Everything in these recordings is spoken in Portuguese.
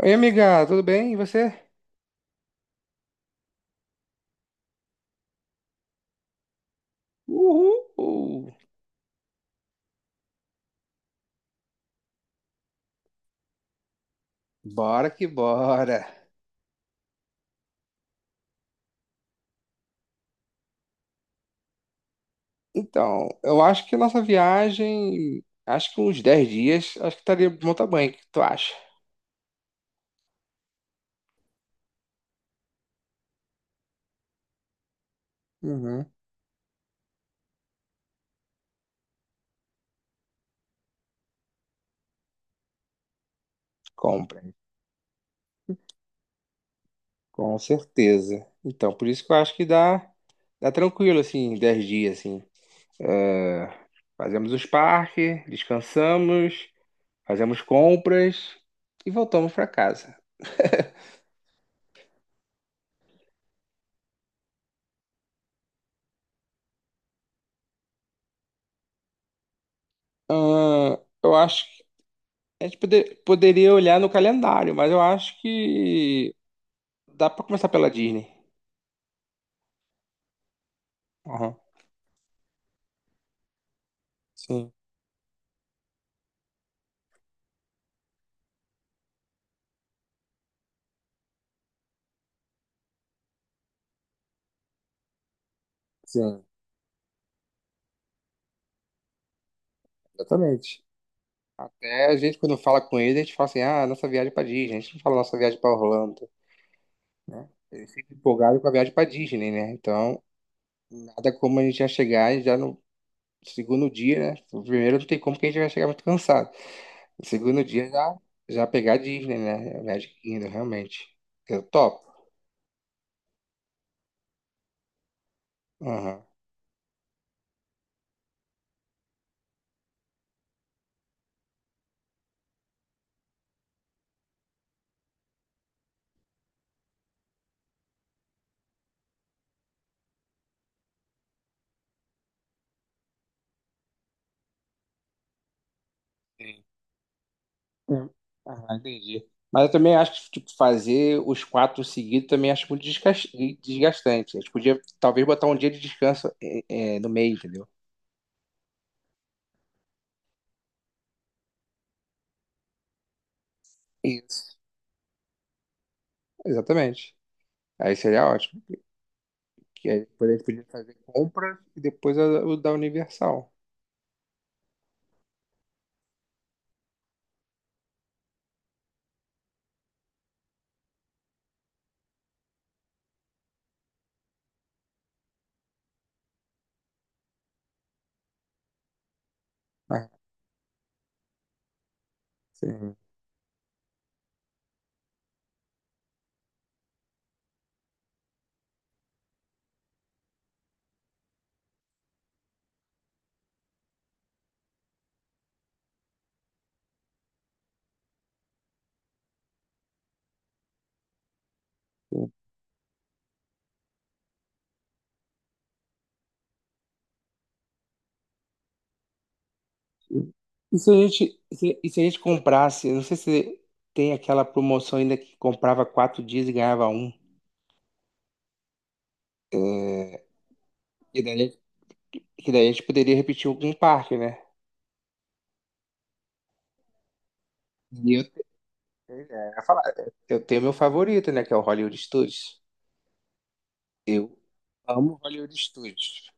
Oi, amiga, tudo bem? E você? Uhul! Bora que bora! Então, eu acho que nossa viagem, acho que uns 10 dias, acho que estaria de bom tamanho, o que tu acha? Uhum. Compra, com certeza. Então, por isso que eu acho que dá tranquilo, assim, 10 dias, assim. Fazemos os parques, descansamos, fazemos compras e voltamos para casa. Ahn, eu acho que a gente poderia olhar no calendário, mas eu acho que dá pra começar pela Disney. Aham. Sim, sim, exatamente. Até a gente, quando fala com eles, a gente fala assim, ah, nossa viagem pra Disney. A gente não fala nossa viagem pra Orlando, né? Eles ficam empolgados com a viagem pra Disney, né? Então, nada como a gente já chegar e já no segundo dia, né? O primeiro não tem como que a gente vai chegar muito cansado. O segundo dia já pegar a Disney, né? A Magic Kingdom, realmente. Eu topo. Aham. Hum. Ah, entendi. Mas eu também acho que tipo, fazer os quatro seguidos também acho muito desgastante. A gente podia talvez botar um dia de descanso, no meio, entendeu? Isso. Exatamente. Aí seria ótimo. Porque aí depois a gente podia fazer compra e depois o da Universal. Ah, sim. Sim. E se a gente comprasse, eu não sei se tem aquela promoção ainda que comprava 4 dias e ganhava um. É, e daí, que daí a gente poderia repetir algum parque, né? Pois é, eu ia falar, eu tenho meu favorito, né, que é o Hollywood Studios. Eu amo Hollywood Studios.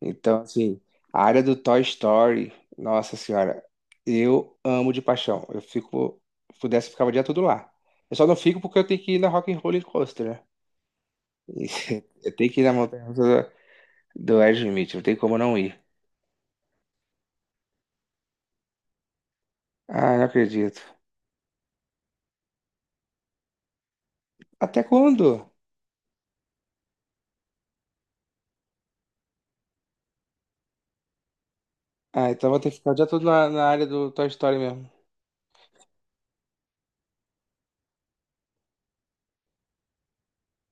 Então, assim, a área do Toy Story, nossa senhora, eu amo de paixão. Eu fico, se pudesse, eu ficava o dia todo lá. Eu só não fico porque eu tenho que ir na Rock and Roller Coaster, né? E eu tenho que ir na montanha russa do Aerosmith, não tem como não ir. Ah, não acredito. Até quando? Ah, então vou ter que ficar o dia todo na, na área do Toy Story mesmo.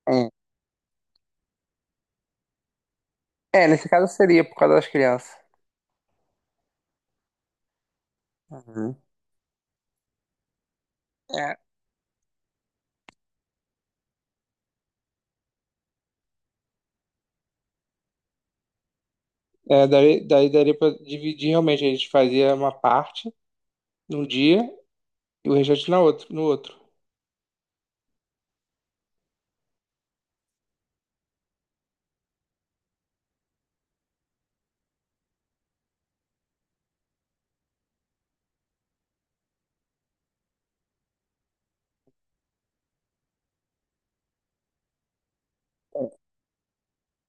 É, é, nesse caso seria por causa das crianças. É, é, daí daria pra dividir realmente. A gente fazia uma parte num dia e o restante no outro.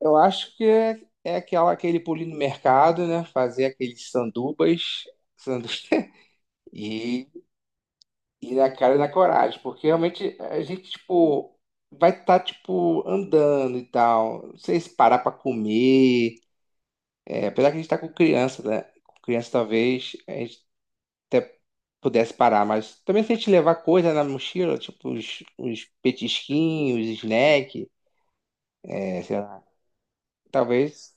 Eu acho que é aquele pulinho no mercado, né? Fazer aqueles sandubas, sandu- e e na cara e na coragem, porque realmente a gente, tipo, vai estar, tipo, andando e tal. Não sei se parar pra comer. É, apesar que a gente tá com criança, né? Com criança, talvez, a gente pudesse parar, mas também se a gente levar coisa na mochila, tipo os petisquinhos, snack, sei lá, talvez,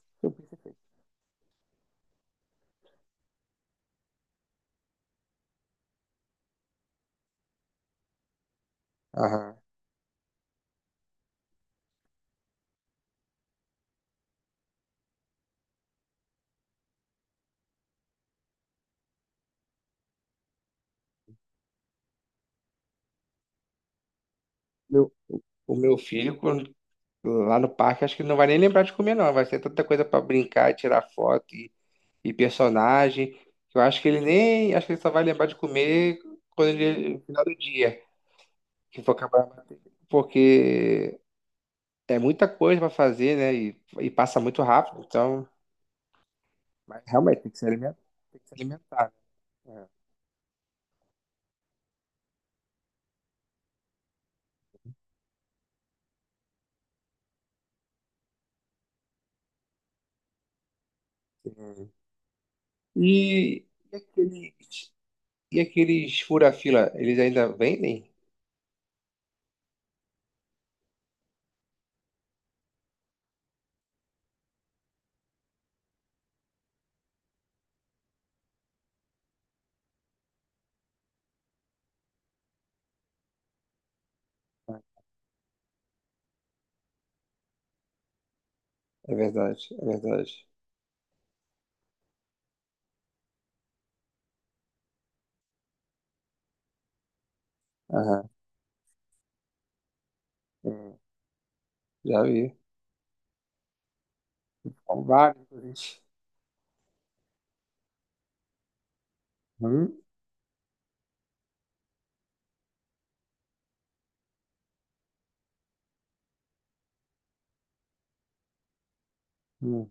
aham. Meu- o meu filho lá no parque acho que ele não vai nem lembrar de comer não, vai ser tanta coisa pra brincar, tirar foto e personagem, que eu acho que ele nem, acho que ele só vai lembrar de comer quando ele, no final do dia, que for acabar, porque é muita coisa pra fazer, né, e passa muito rápido, então, mas realmente tem que se alimentar, tem que se alimentar. Né, é. Hum. E, e aqueles fura-fila, eles ainda vendem? É verdade, é verdade. Aham, hum, já vi. Com vários, inclusive. Hum, hum.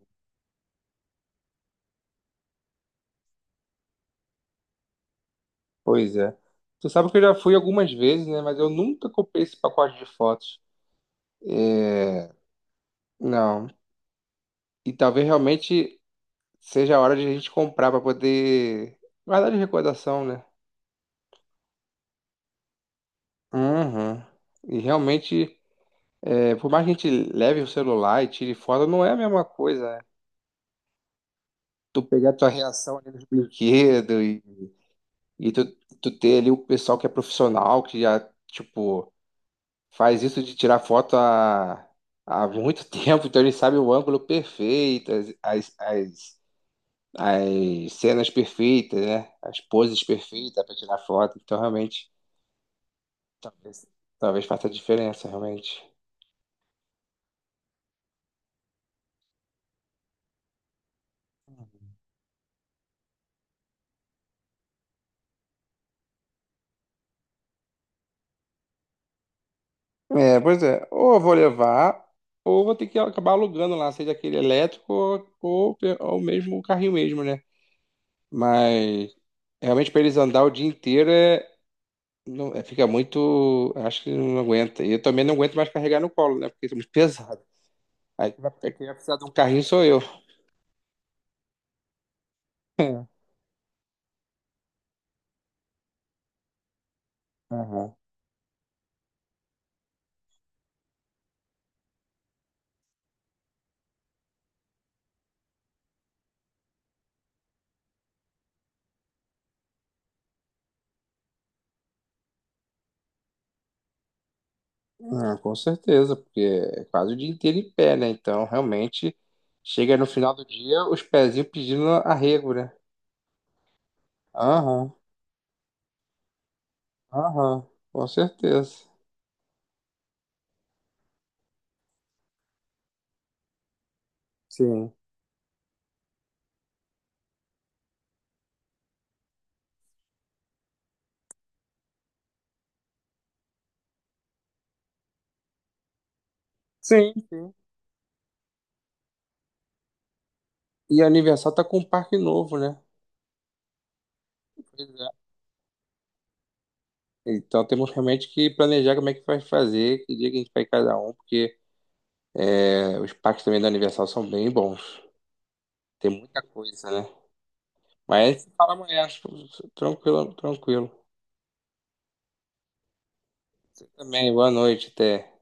Pois é. Tu sabe que eu já fui algumas vezes, né? Mas eu nunca comprei esse pacote de fotos. É, não. E talvez realmente seja a hora de a gente comprar para poder guardar de recordação, né? Uhum. E realmente, é, por mais que a gente leve o celular e tire foto, não é a mesma coisa, né? Tu pegar a tua reação ali nos brinquedos e tu ter ali o pessoal que é profissional, que já, tipo, faz isso de tirar foto há muito tempo, então ele sabe o ângulo perfeito, as cenas perfeitas, né? As poses perfeitas para tirar foto. Então, realmente, talvez, talvez faça diferença, realmente. É, pois é. Ou eu vou levar, ou vou ter que acabar alugando lá, seja aquele elétrico ou mesmo o carrinho mesmo, né? Mas realmente para eles andar o dia inteiro fica muito. Acho que não aguenta. E eu também não aguento mais carregar no colo, né? Porque isso é muito pesado. Aí quem vai precisar de um carrinho sou eu. É, aham. Ah, com certeza, porque é quase o dia inteiro em pé, né? Então, realmente, chega no final do dia, os pezinhos pedindo arrego, né? Aham, aham, com certeza. Sim. Sim, sim. E a Universal tá com um parque novo, né? Pois é. Então temos realmente que planejar como é que vai fazer, que dia que a gente vai cada um, porque os parques também da Universal são bem bons. Tem muita coisa, né? Mas fala amanhã, tranquilo, tranquilo. Também, boa noite, até.